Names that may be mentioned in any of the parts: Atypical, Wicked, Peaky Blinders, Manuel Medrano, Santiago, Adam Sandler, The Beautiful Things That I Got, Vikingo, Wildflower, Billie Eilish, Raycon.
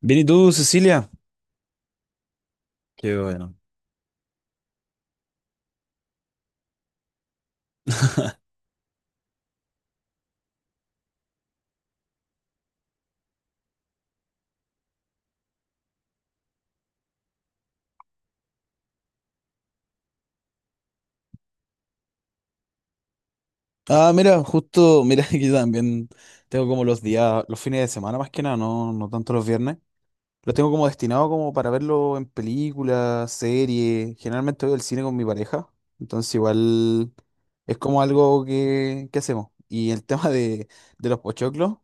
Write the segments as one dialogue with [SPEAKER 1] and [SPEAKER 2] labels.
[SPEAKER 1] Bien, ¿y tú, Cecilia? Qué bueno. Ah, mira, justo, mira, que yo también tengo como los días, los fines de semana más que nada, no, no tanto los viernes. Los tengo como destinados como para verlo en películas, series. Generalmente voy al cine con mi pareja, entonces igual es como algo que hacemos. Y el tema de los pochoclos,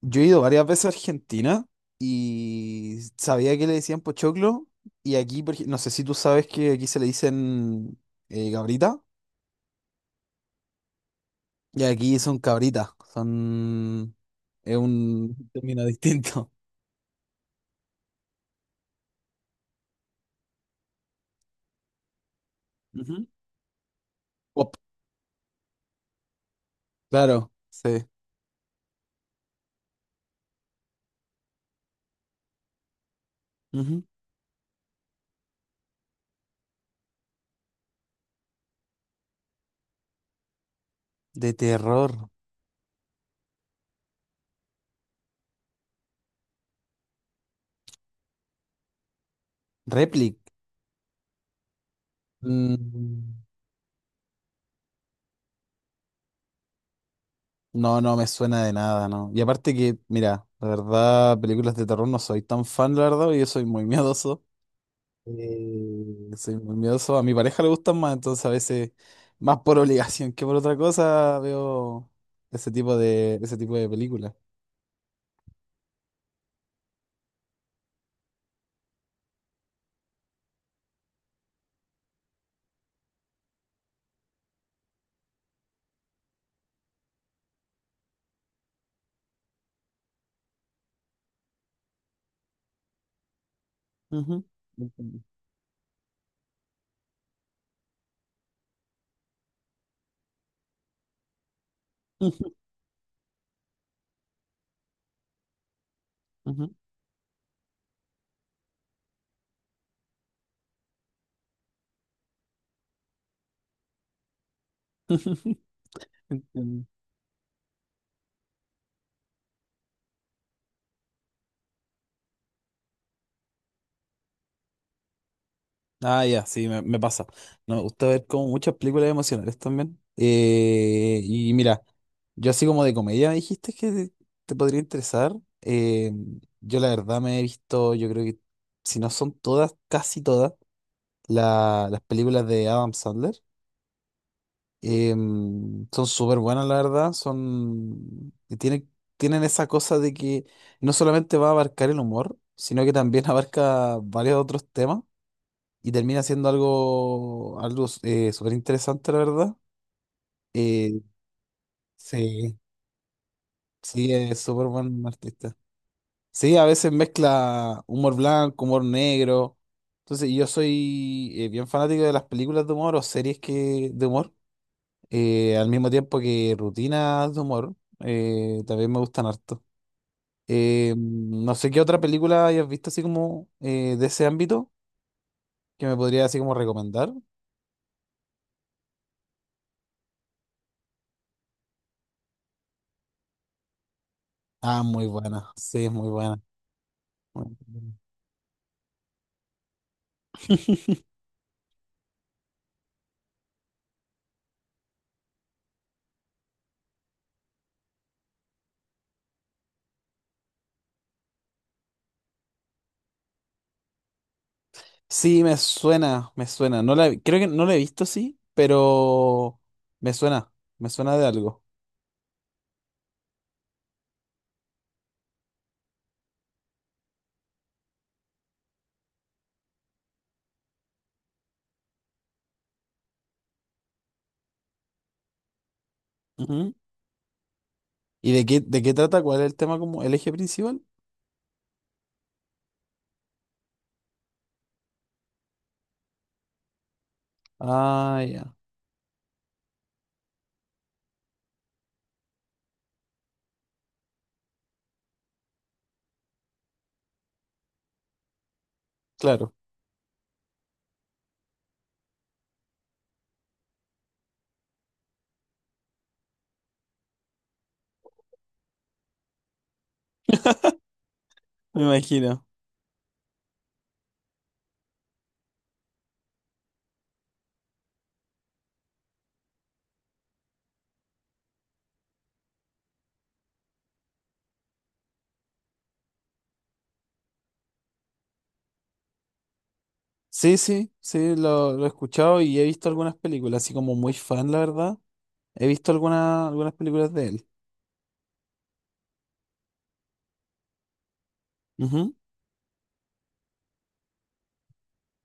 [SPEAKER 1] yo he ido varias veces a Argentina y sabía que le decían pochoclo. Y aquí, no sé si tú sabes que aquí se le dicen gabrita. Y aquí son cabritas, son... Es un término distinto. Ujú. Pop, claro, sí. Ujú. De terror. Replic. Mm, no, no me suena de nada, ¿no? Y aparte que, mira, la verdad, películas de terror no soy tan fan, la verdad, y yo soy muy miedoso. Soy muy miedoso. A mi pareja le gustan más, entonces a veces, más por obligación que por otra cosa, veo ese tipo ese tipo de películas. Ujú. Entiendo. Ujú, ujú. Entiendo. Ah, ya, sí, me pasa. No, me gusta ver como muchas películas emocionales también. Y mira, yo así como de comedia me dijiste te podría interesar. Eh, yo la verdad me he visto, yo creo que si no son todas, casi todas, las películas de Adam Sandler. Eh, son súper buenas, la verdad. Tienen esa cosa de que no solamente va a abarcar el humor, sino que también abarca varios otros temas y termina siendo algo, algo súper interesante, la verdad. Eh, sí, sí, es súper buen artista. Sí, a veces mezcla humor blanco, humor negro. Entonces, yo soy bien fanático de las películas de humor o series de humor, al mismo tiempo que rutinas de humor, también me gustan harto. No sé qué otra película hayas visto así como de ese ámbito que me podría así como recomendar. Ah, muy buena. Sí, es muy buena. Muy buena. Sí, me suena, me suena. No la, creo que no la he visto, sí, pero me suena, me suena de algo. Ujú. ¿Y de qué trata? ¿Cuál es el tema como el eje principal? Ah, ya, claro, me imagino. Sí, sí, sí, lo he escuchado y he visto algunas películas, así como muy fan, la verdad. He visto algunas películas de él.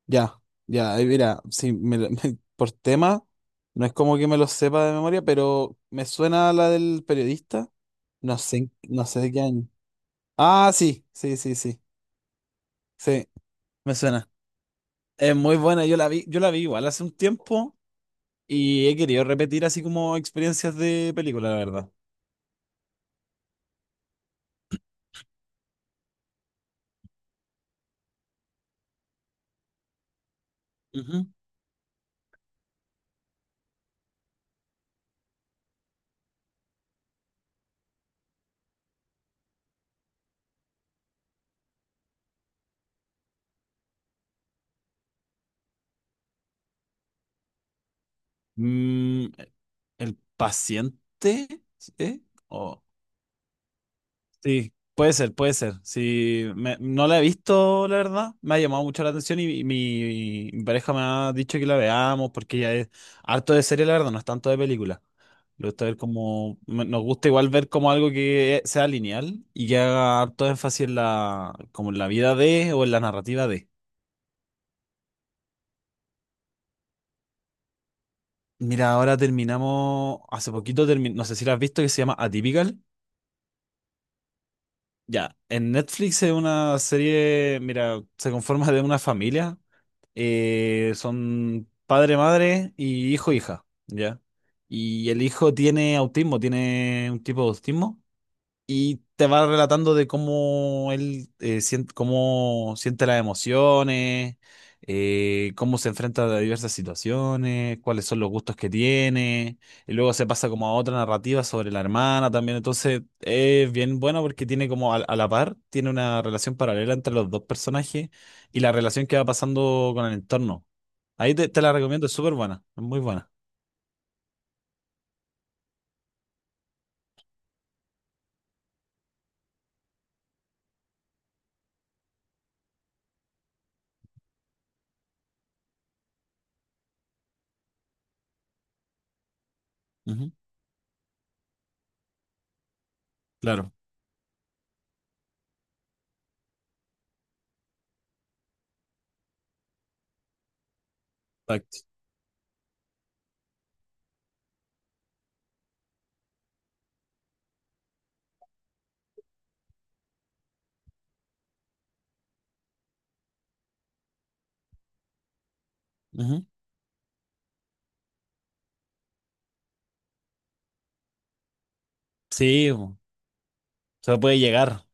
[SPEAKER 1] Ya, ya, ahí mira, si me lo- por tema, no es como que me lo sepa de memoria, pero me suena la del periodista. No sé, no sé de qué año. Ah, sí, sí, sí, sí, sí, me suena. Es muy buena, yo la vi igual hace un tiempo y he querido repetir así como experiencias de película, la verdad. Ujú. Mm, el paciente, ¿eh? Sí, puede ser, puede ser. Sí, no la he visto, la verdad. Me ha llamado mucho la atención y mi pareja me ha dicho que la veamos porque ella es harto de serie, la verdad, no es tanto de película. Le gusta ver como, nos gusta igual ver como algo que sea lineal y que haga harto énfasis en la, como en la vida de o en la narrativa de. Mira, ahora terminamos, hace poquito terminó, no sé si la has visto, que se llama Atypical. Ya, en Netflix es una serie, mira, se conforma de una familia. Son padre, madre y hijo, hija, ¿ya? Y el hijo tiene autismo, tiene un tipo de autismo y te va relatando de cómo él cómo siente las emociones, cómo se enfrenta a diversas situaciones, cuáles son los gustos que tiene, y luego se pasa como a otra narrativa sobre la hermana también. Entonces es bien bueno porque tiene como a la par, tiene una relación paralela entre los dos personajes y la relación que va pasando con el entorno. Te la recomiendo, es súper buena, es muy buena. Ujú. Claro, exacto. Ujú. Sí, po, se puede llegar.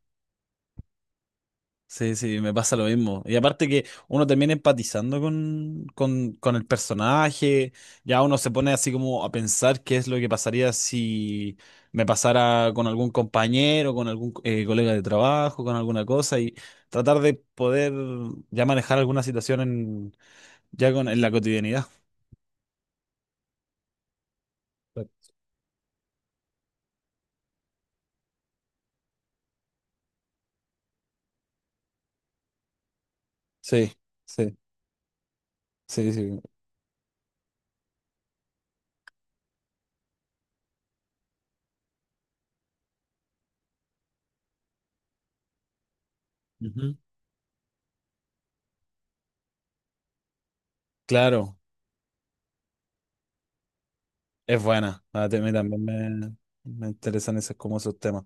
[SPEAKER 1] Sí, sí, me pasa lo mismo. Y aparte que uno termina empatizando con el personaje, ya uno se pone así como a pensar qué es lo que pasaría si me pasara con algún compañero, con algún colega de trabajo, con alguna cosa, y tratar de poder ya manejar alguna situación en, ya con, en la cotidianidad. Sí, sí, sí, sí. Ujú. Claro, es buena. A mí también me interesan esos, como esos temas.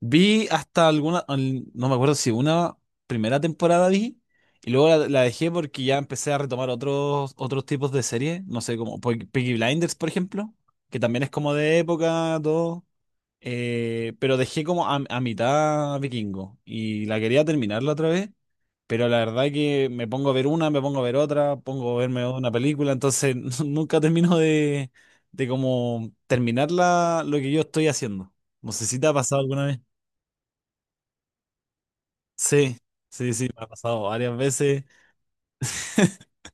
[SPEAKER 1] Vi hasta alguna, no me acuerdo si una primera temporada vi y luego la dejé porque ya empecé a retomar otros tipos de series, no sé, como Peaky Blinders, por ejemplo, que también es como de época, todo, pero dejé como a mitad Vikingo y la quería terminarla otra vez, pero la verdad que me pongo a ver una, me pongo a ver otra, pongo a verme una película, entonces nunca termino de como terminar lo que yo estoy haciendo. No sé si te ha pasado alguna vez. Sí, sí, sí, me ha pasado varias veces.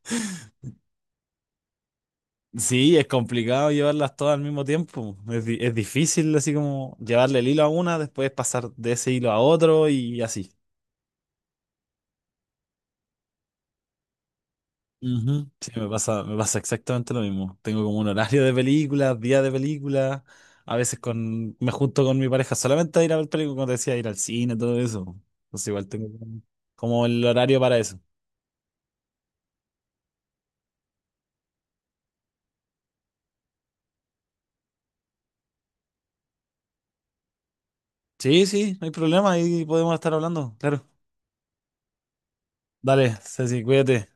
[SPEAKER 1] Sí, es complicado llevarlas todas al mismo tiempo. Es difícil así como llevarle el hilo a una, después pasar de ese hilo a otro y así. Ujú. Sí, me pasa exactamente lo mismo. Tengo como un horario de películas, día de películas. A veces me junto con mi pareja solamente a ir a ver películas, como te decía, ir al cine, todo eso. Entonces igual tengo como el horario para eso. Sí, sí, no hay problema, ahí podemos estar hablando, claro. Dale, Ceci, cuídate.